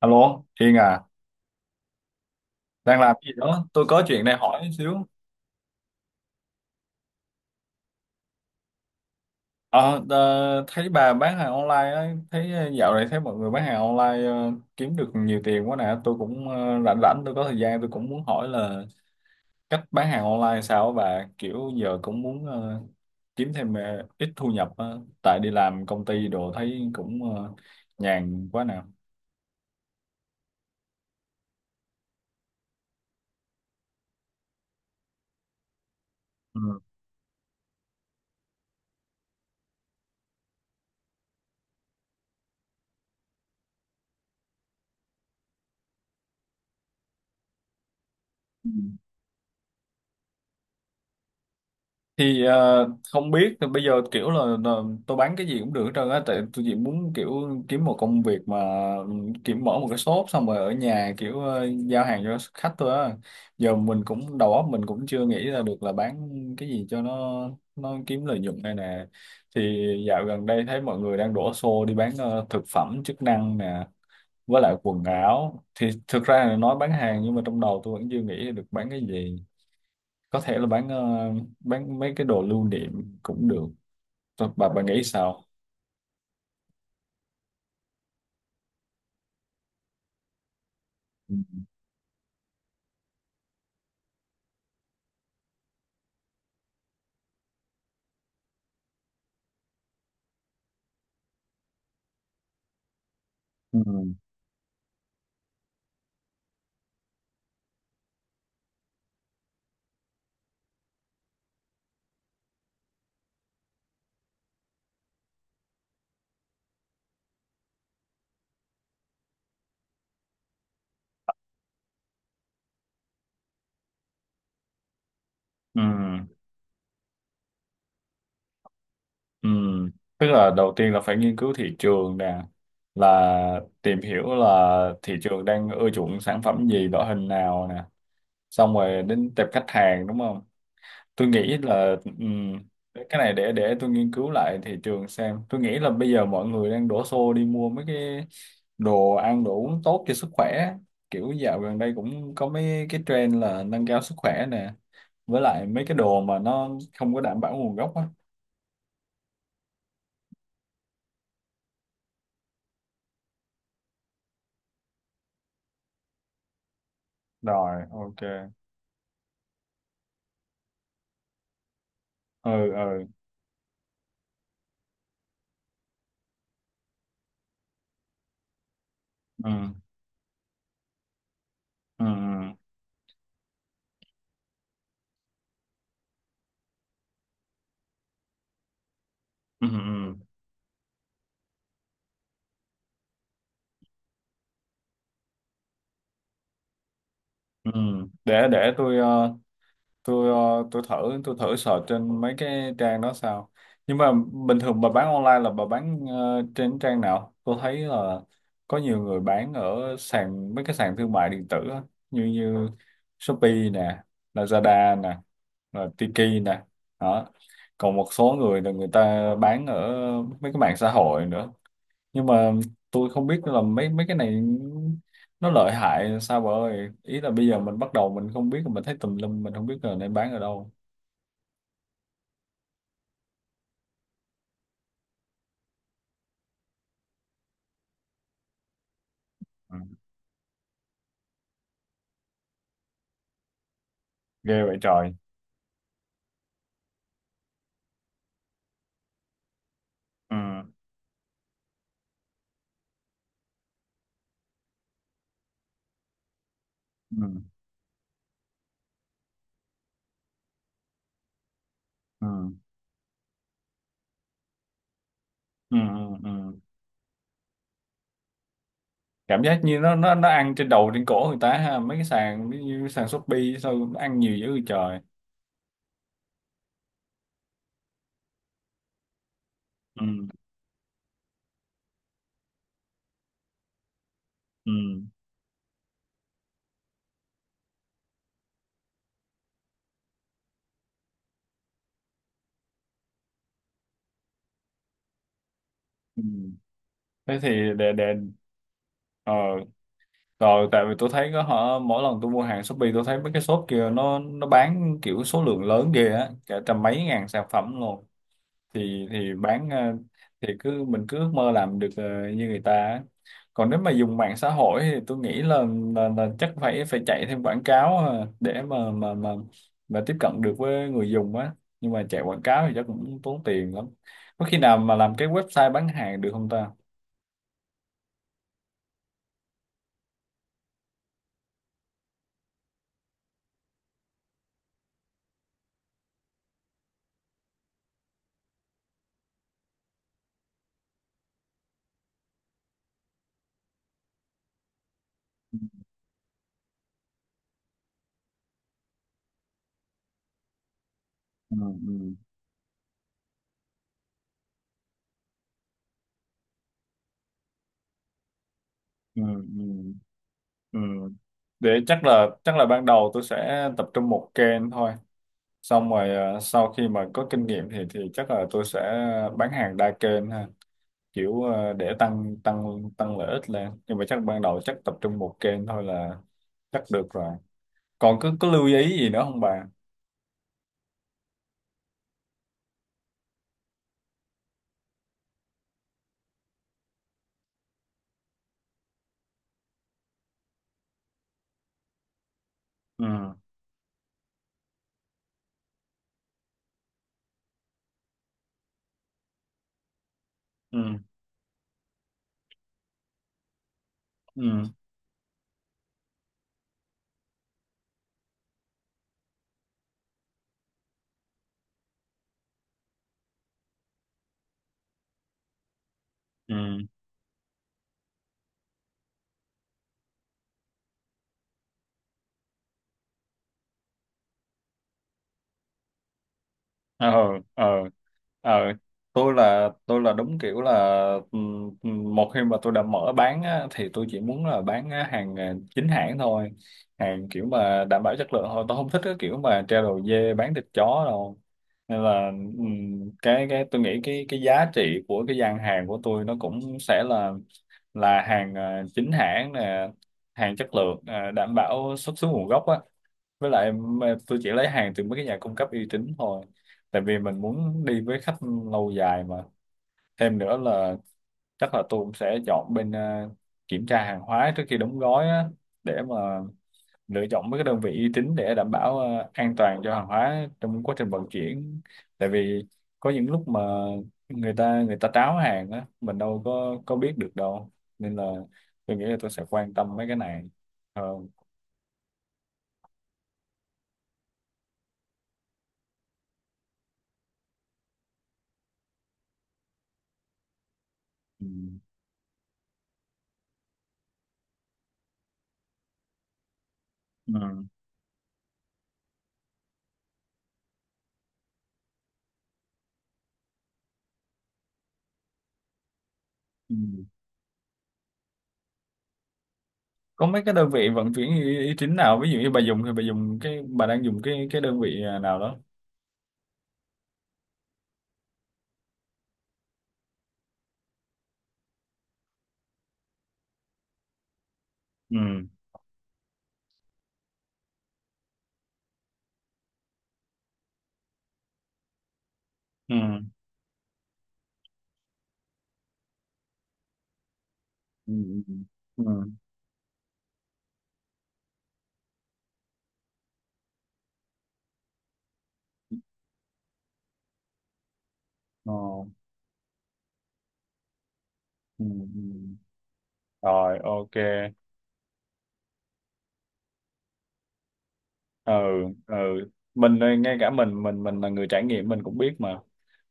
Alo, Hiền à, đang làm gì đó? Tôi có chuyện này hỏi xíu. Ờ, Thấy bà bán hàng online á, dạo này thấy mọi người bán hàng online, kiếm được nhiều tiền quá nè. Tôi cũng rảnh rảnh, tôi có thời gian, tôi cũng muốn hỏi là cách bán hàng online sao á bà? Kiểu giờ cũng muốn kiếm thêm, ít thu nhập á, tại đi làm công ty đồ thấy cũng nhàn quá nè. Ừ. Thì không biết, thì bây giờ kiểu là tôi bán cái gì cũng được hết trơn á, tại tôi chỉ muốn kiểu kiếm một công việc mà, ừ, kiểu mở một cái shop xong rồi ở nhà, kiểu giao hàng cho khách thôi á. Giờ mình cũng đầu óc mình cũng chưa nghĩ ra được là bán cái gì cho nó kiếm lợi nhuận đây nè. Thì dạo gần đây thấy mọi người đang đổ xô đi bán thực phẩm chức năng nè, với lại quần áo. Thì thực ra là nói bán hàng nhưng mà trong đầu tôi vẫn chưa nghĩ được bán cái gì, có thể là bán mấy cái đồ lưu niệm cũng được. Thôi, bà nghĩ sao? Ừ. Ừ. Ừ. Ừ. Tức là đầu tiên là phải nghiên cứu thị trường nè, là tìm hiểu là thị trường đang ưa chuộng sản phẩm gì, loại hình nào nè, xong rồi đến tệp khách hàng đúng không? Tôi nghĩ là, cái này để tôi nghiên cứu lại thị trường xem. Tôi nghĩ là bây giờ mọi người đang đổ xô đi mua mấy cái đồ ăn đồ uống tốt cho sức khỏe, kiểu dạo gần đây cũng có mấy cái trend là nâng cao sức khỏe nè, với lại mấy cái đồ mà nó không có đảm bảo nguồn gốc á. Rồi, ok. Ừ, ừ, ừ, ừ, ừ, ừ, ừ. Ừ. Để tôi, tôi ờ, tôi thử tôi thử search trên mấy cái trang đó sao. Nhưng mà bình thường bà bán online là bà bán, trên trang nào tôi thấy là có nhiều người bán ở mấy cái sàn thương mại điện tử á, như như Shopee nè, Lazada nè, rồi Tiki nè đó. Còn một số người là người ta bán ở mấy cái mạng xã hội nữa, nhưng mà tôi không biết là mấy mấy cái này nó lợi hại sao bà ơi, ý là bây giờ mình bắt đầu mình không biết, mình thấy tùm lum mình không biết là nên bán ở đâu. Ừ. Ghê vậy trời. Ừ. Ừ. Ừ. Ừ. Ừ. Ừ. Cảm giác như nó ăn trên đầu trên cổ người ta ha, mấy cái sàn ví dụ như sàn Shopee sao nó ăn nhiều dữ vậy trời. Ừ. Ừ. Ừ. Thế thì để ờ rồi, tại vì tôi thấy có, họ mỗi lần tôi mua hàng Shopee tôi thấy mấy cái shop kia nó bán kiểu số lượng lớn ghê á, cả trăm mấy ngàn sản phẩm luôn. Thì thì bán ờ, thì cứ mình cứ ước mơ làm được, như người ta á. Còn nếu mà dùng mạng xã hội thì tôi nghĩ là chắc phải phải chạy thêm quảng cáo, để mà tiếp cận được với người dùng á. Nhưng mà chạy quảng cáo thì chắc cũng tốn tiền lắm. Có khi nào mà làm cái website bán hàng được không ta? Ừ, ừ, ừ, ừ. Ừ. Để chắc là ban đầu tôi sẽ tập trung một kênh thôi. Xong rồi, sau khi mà có kinh nghiệm thì chắc là tôi sẽ bán hàng đa kênh ha, kiểu để tăng tăng tăng lợi ích lên. Nhưng mà chắc ban đầu chắc tập trung một kênh thôi là chắc được rồi. Còn có lưu ý gì nữa không bà? Ừ. Ừ. Ừ. Ừ. Ờ, ờ, ờ, tôi là đúng kiểu là, một khi mà tôi đã mở bán á, thì tôi chỉ muốn là bán á, hàng à, chính hãng thôi. Hàng kiểu mà đảm bảo chất lượng thôi, tôi không thích cái kiểu mà treo đầu dê bán thịt chó đâu. Nên là, cái tôi nghĩ cái giá trị của cái gian hàng của tôi nó cũng sẽ là hàng à, chính hãng nè, hàng chất lượng à, đảm bảo xuất xứ nguồn gốc á, với lại mà tôi chỉ lấy hàng từ mấy cái nhà cung cấp uy tín thôi. Tại vì mình muốn đi với khách lâu dài mà. Thêm nữa là chắc là tôi cũng sẽ chọn bên, kiểm tra hàng hóa trước khi đóng gói á, để mà lựa chọn mấy cái đơn vị uy tín để đảm bảo an toàn cho hàng hóa trong quá trình vận chuyển. Tại vì có những lúc mà người ta tráo hàng á, mình đâu có biết được đâu. Nên là tôi nghĩ là tôi sẽ quan tâm mấy cái này hơn. Ừ. Ừ. Ừ. Có mấy cái đơn vị vận chuyển uy uy tín nào, ví dụ như bà dùng thì bà dùng cái bà đang dùng cái đơn vị nào đó? Ừ, ừ, ừ, ừ, ừ. Ờ. Ừ, ừ. Rồi, ok. Ừ, ừ. Mình đây, ngay cả mình là người trải nghiệm mình cũng biết mà.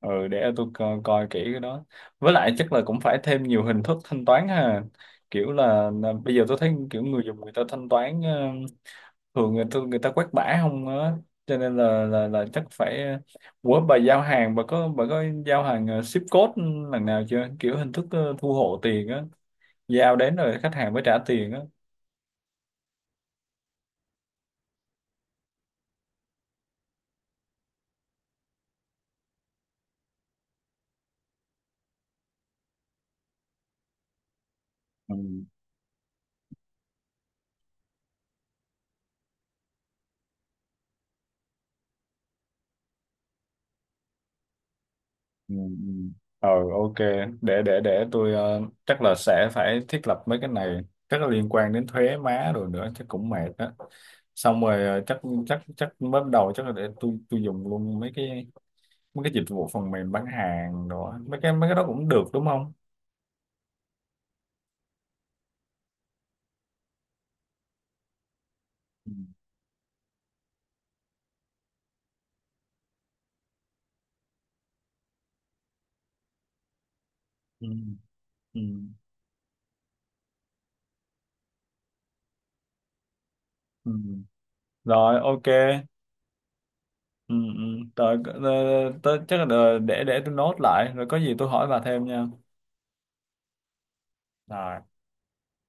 Ừ, để tôi coi kỹ cái đó. Với lại chắc là cũng phải thêm nhiều hình thức thanh toán ha, kiểu là bây giờ tôi thấy kiểu người dùng người ta thanh toán thường, người ta quét bã không á, cho nên là chắc phải. Ủa bà giao hàng, bà có giao hàng ship code lần nào chưa, kiểu hình thức thu hộ tiền á, giao đến rồi khách hàng mới trả tiền á? Ừ, ừ, ừ. Ờ, ok. Để tôi, chắc là sẽ phải thiết lập mấy cái này, chắc là liên quan đến thuế má rồi nữa chắc cũng mệt á. Xong rồi, chắc chắc chắc bắt đầu chắc là để tôi dùng luôn mấy cái dịch vụ phần mềm bán hàng đó, mấy cái đó cũng được đúng không? Ừ, ừ, ừ, ừ. Rồi, ok. Ừ, ừ. Rồi, chắc là để tôi nốt lại, rồi có gì tôi hỏi bà thêm nha. Rồi.